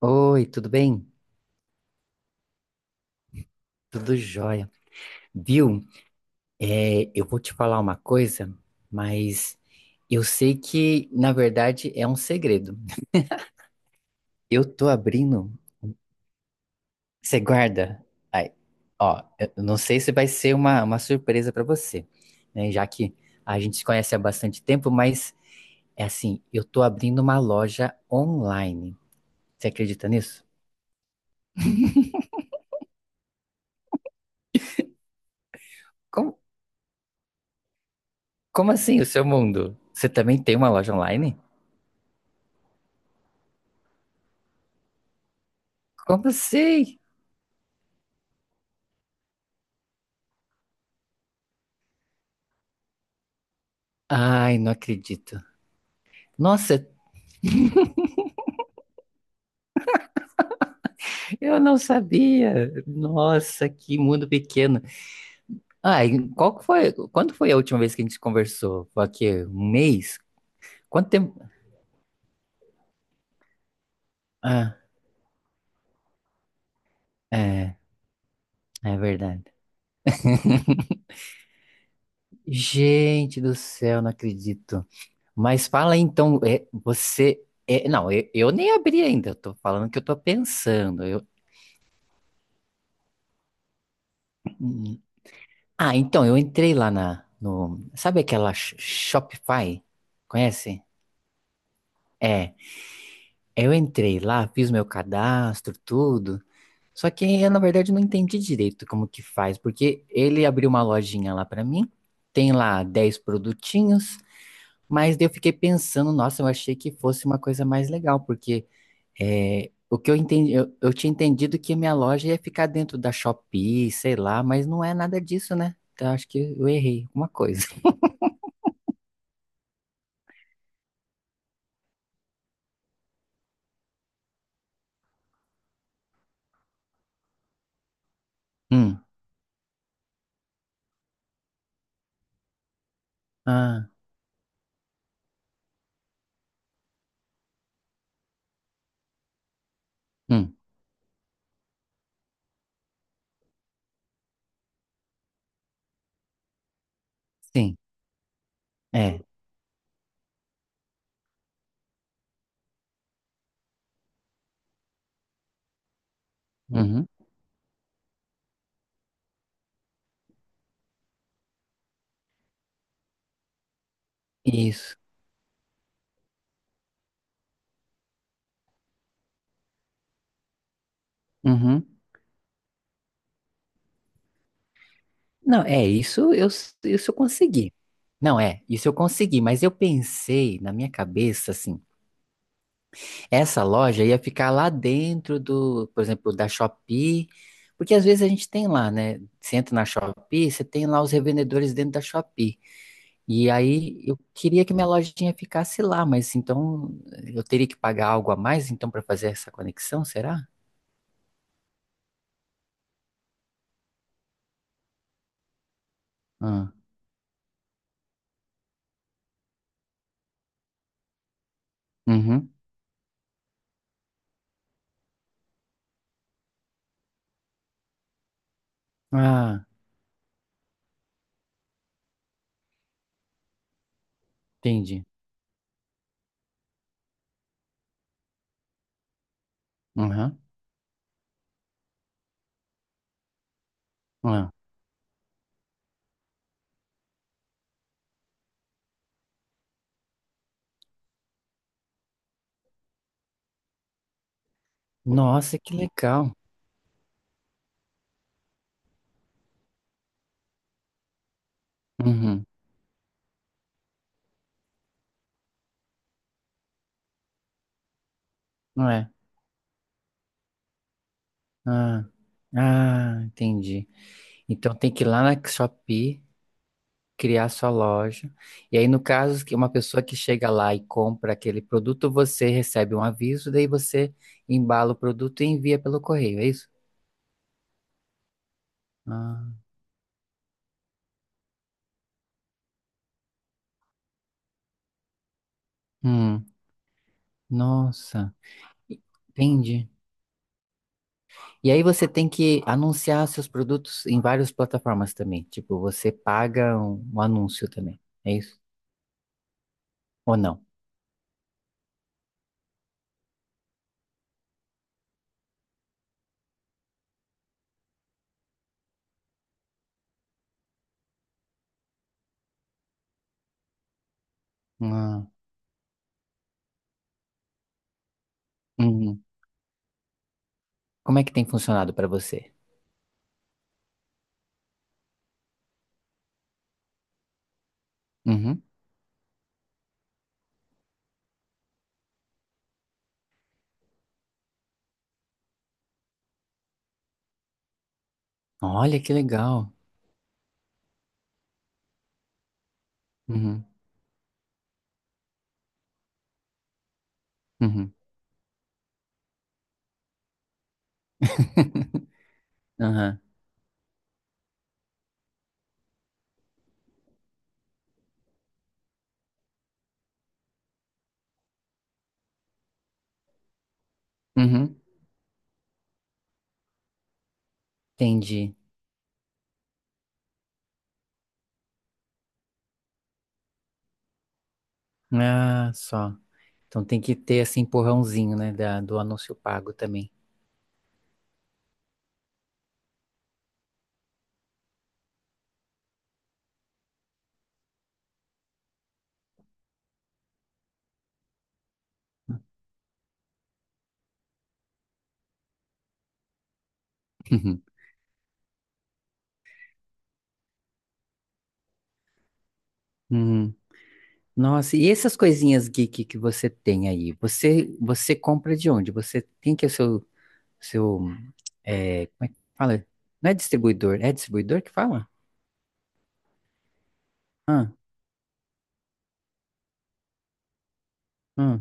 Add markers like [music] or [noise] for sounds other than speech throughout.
Oi, tudo bem? Tudo jóia. Viu? É, eu vou te falar uma coisa, mas eu sei que, na verdade, é um segredo. Eu tô abrindo. Você guarda? Ai, ó, eu não sei se vai ser uma surpresa pra você, né? Já que a gente se conhece há bastante tempo, mas é assim, eu tô abrindo uma loja online. Você acredita nisso? Como, como assim, o seu mundo? Você também tem uma loja online? Como assim? Ai, não acredito. Nossa, eu não sabia. Nossa, que mundo pequeno. Ah, e qual que foi? Quando foi a última vez que a gente conversou? Foi aqui, um mês? Quanto tempo? Ah, é, é verdade. Gente do céu, não acredito. Mas fala aí, então, não, eu nem abri ainda. Eu tô falando que eu tô pensando. Então eu entrei lá na no, sabe aquela Shopify? Conhece? É, eu entrei lá, fiz meu cadastro, tudo. Só que eu, na verdade, não entendi direito como que faz, porque ele abriu uma lojinha lá pra mim, tem lá dez produtinhos, mas daí eu fiquei pensando, nossa, eu achei que fosse uma coisa mais legal, porque o que eu entendi, eu tinha entendido que minha loja ia ficar dentro da Shopee, sei lá, mas não é nada disso, né? Então acho que eu errei alguma coisa. [laughs] Hum, ah, hum, sim, é, uhum, isso, uhum. Não, isso eu consegui. Não, é, isso eu consegui, mas eu pensei na minha cabeça assim, essa loja ia ficar lá dentro do, por exemplo, da Shopee, porque às vezes a gente tem lá, né? Você entra na Shopee, você tem lá os revendedores dentro da Shopee. E aí eu queria que minha lojinha ficasse lá, mas então eu teria que pagar algo a mais então para fazer essa conexão, será? Ah, uhum. Ah, entendi. Uhum. Ah. Nossa, que legal. Uhum. Não é? Ah, ah, entendi. Então tem que ir lá na Shopee, criar sua loja. E aí, no caso, que uma pessoa que chega lá e compra aquele produto, você recebe um aviso, daí você embala o produto e envia pelo correio, é isso? Ah, hum, nossa, entendi. E aí você tem que anunciar seus produtos em várias plataformas também. Tipo, você paga um anúncio também, é isso? Ou não? Ah, uhum. Como é que tem funcionado para você? Uhum. Olha que legal. Uhum, uhum, [laughs] aham, uhum, entendi. Ah, só. Então tem que ter esse empurrãozinho, né, da, do anúncio pago também. Uhum, uhum. Nossa, e essas coisinhas geek que você tem aí? Você você compra de onde? Você tem que é o seu é, como é que fala? Não é distribuidor, é distribuidor que fala? Ah, ah,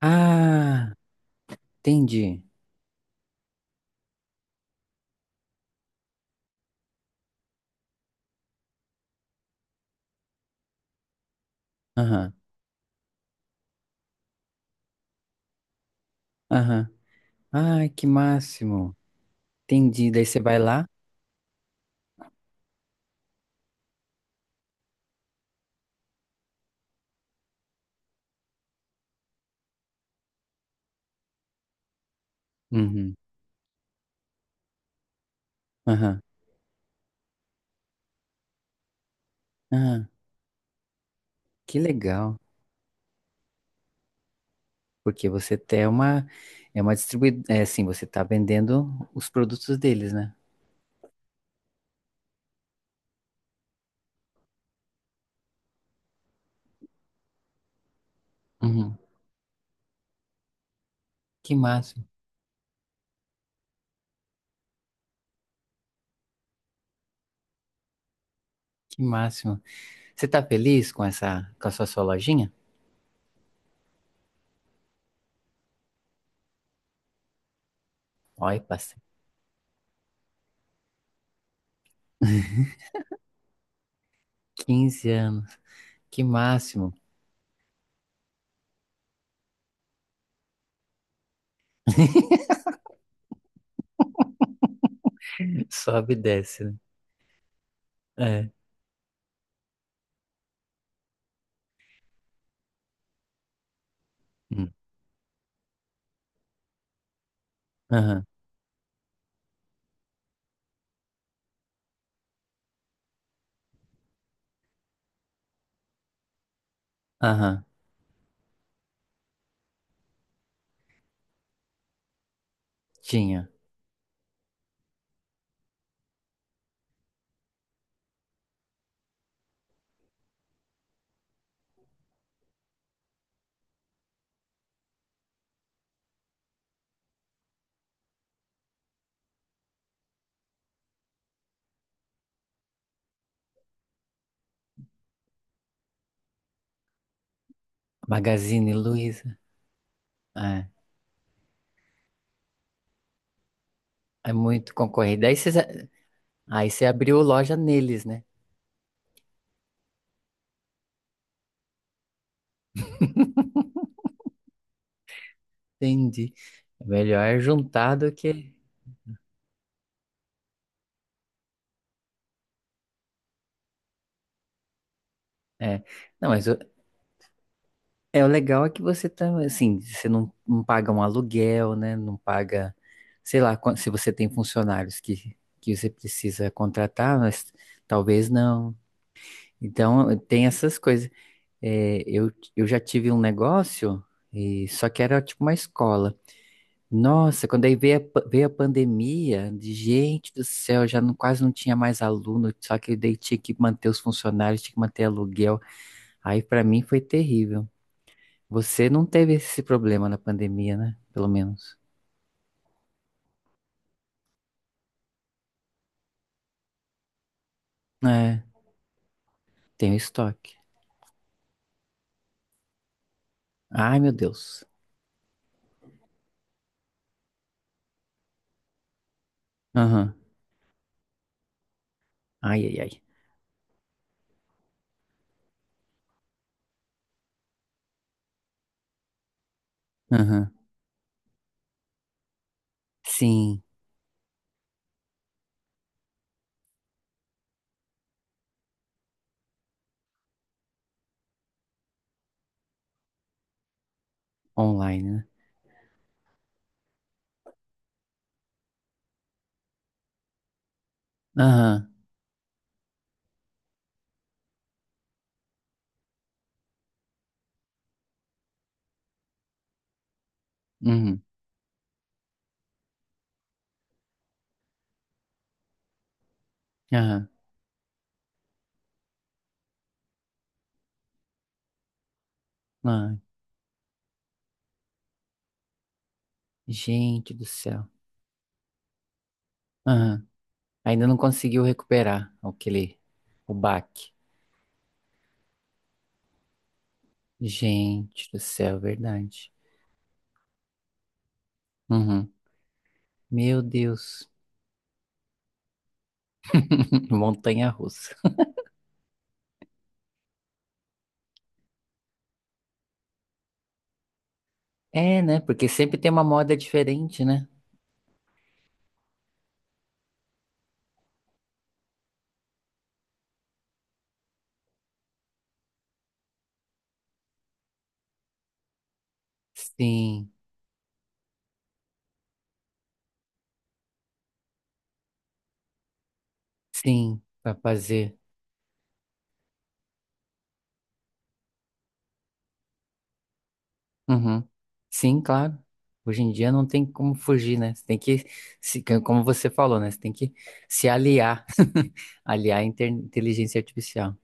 ah, entendi. Aham, aham. Ai, que máximo. Entendi. Daí você vai lá. Uhum. Aham. Ah, que legal, porque você tem é uma distribuidora, é assim, você tá vendendo os produtos deles, né? Uhum. Que máximo, que máximo. Você tá feliz com essa, com a sua, sua lojinha? Olha, passei 15 anos, que máximo. [laughs] Sobe e desce, né? É. Hum. Aham, aham, tinha. Magazine Luiza, é, é muito concorrido. Aí você abriu loja neles, né? Entendi. É melhor juntar do que... É. Não, é o legal é que você tá, assim, você não, não paga um aluguel, né? Não paga, sei lá, se você tem funcionários que você precisa contratar, mas talvez não. Então, tem essas coisas. É, eu já tive um negócio, e só que era tipo uma escola. Nossa, quando aí veio a pandemia, de gente do céu, já não, quase não tinha mais aluno, só que daí tinha que manter os funcionários, tinha que manter aluguel. Aí pra mim foi terrível. Você não teve esse problema na pandemia, né? Pelo menos. É, tem o estoque. Ai, meu Deus. Aham. Ai, ai, ai. Aham. Sim, online, né? Aham. Uhum. Aham. Ai, gente do céu. Aham. Ainda não conseguiu recuperar aquele, o baque. Gente do céu, verdade. Uhum. Meu Deus. [laughs] Montanha-russa. É, né? Porque sempre tem uma moda diferente, né? Sim, sim, pra fazer. Uhum. Sim, claro. Hoje em dia não tem como fugir, né? Você tem que, se, como você falou, né? Você tem que se aliar, [laughs] aliar a inteligência artificial.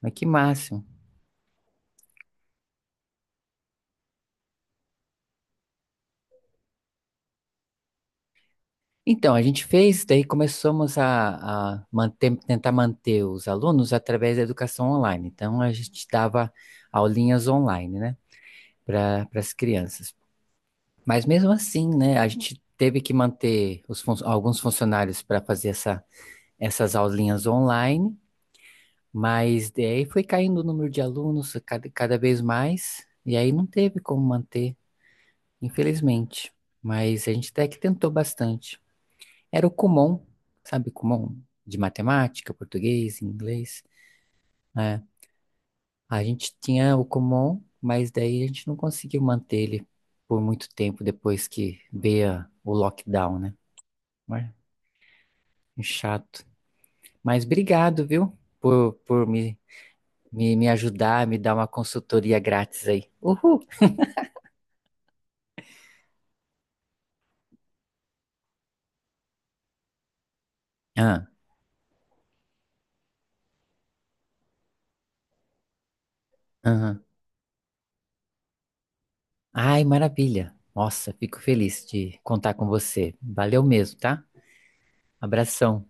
Mas que máximo. Então, a gente fez, daí começamos a tentar manter os alunos através da educação online. Então, a gente dava aulinhas online, né? Para as crianças. Mas mesmo assim, né? A gente teve que manter os alguns funcionários para fazer essas aulinhas online. Mas daí foi caindo o número de alunos cada vez mais, e aí não teve como manter, infelizmente. Mas a gente até que tentou bastante. Era o Kumon, sabe, Kumon de matemática, português, inglês, né? A gente tinha o Kumon, mas daí a gente não conseguiu manter ele por muito tempo depois que veio o lockdown, né? Mas, é chato. Mas obrigado, viu, por me, ajudar, me dar uma consultoria grátis aí. Uhul! Ah, aham. Ai, maravilha. Nossa, fico feliz de contar com você. Valeu mesmo, tá? Abração.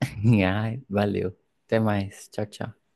[laughs] Ai, valeu. Até mais. Tchau, tchau.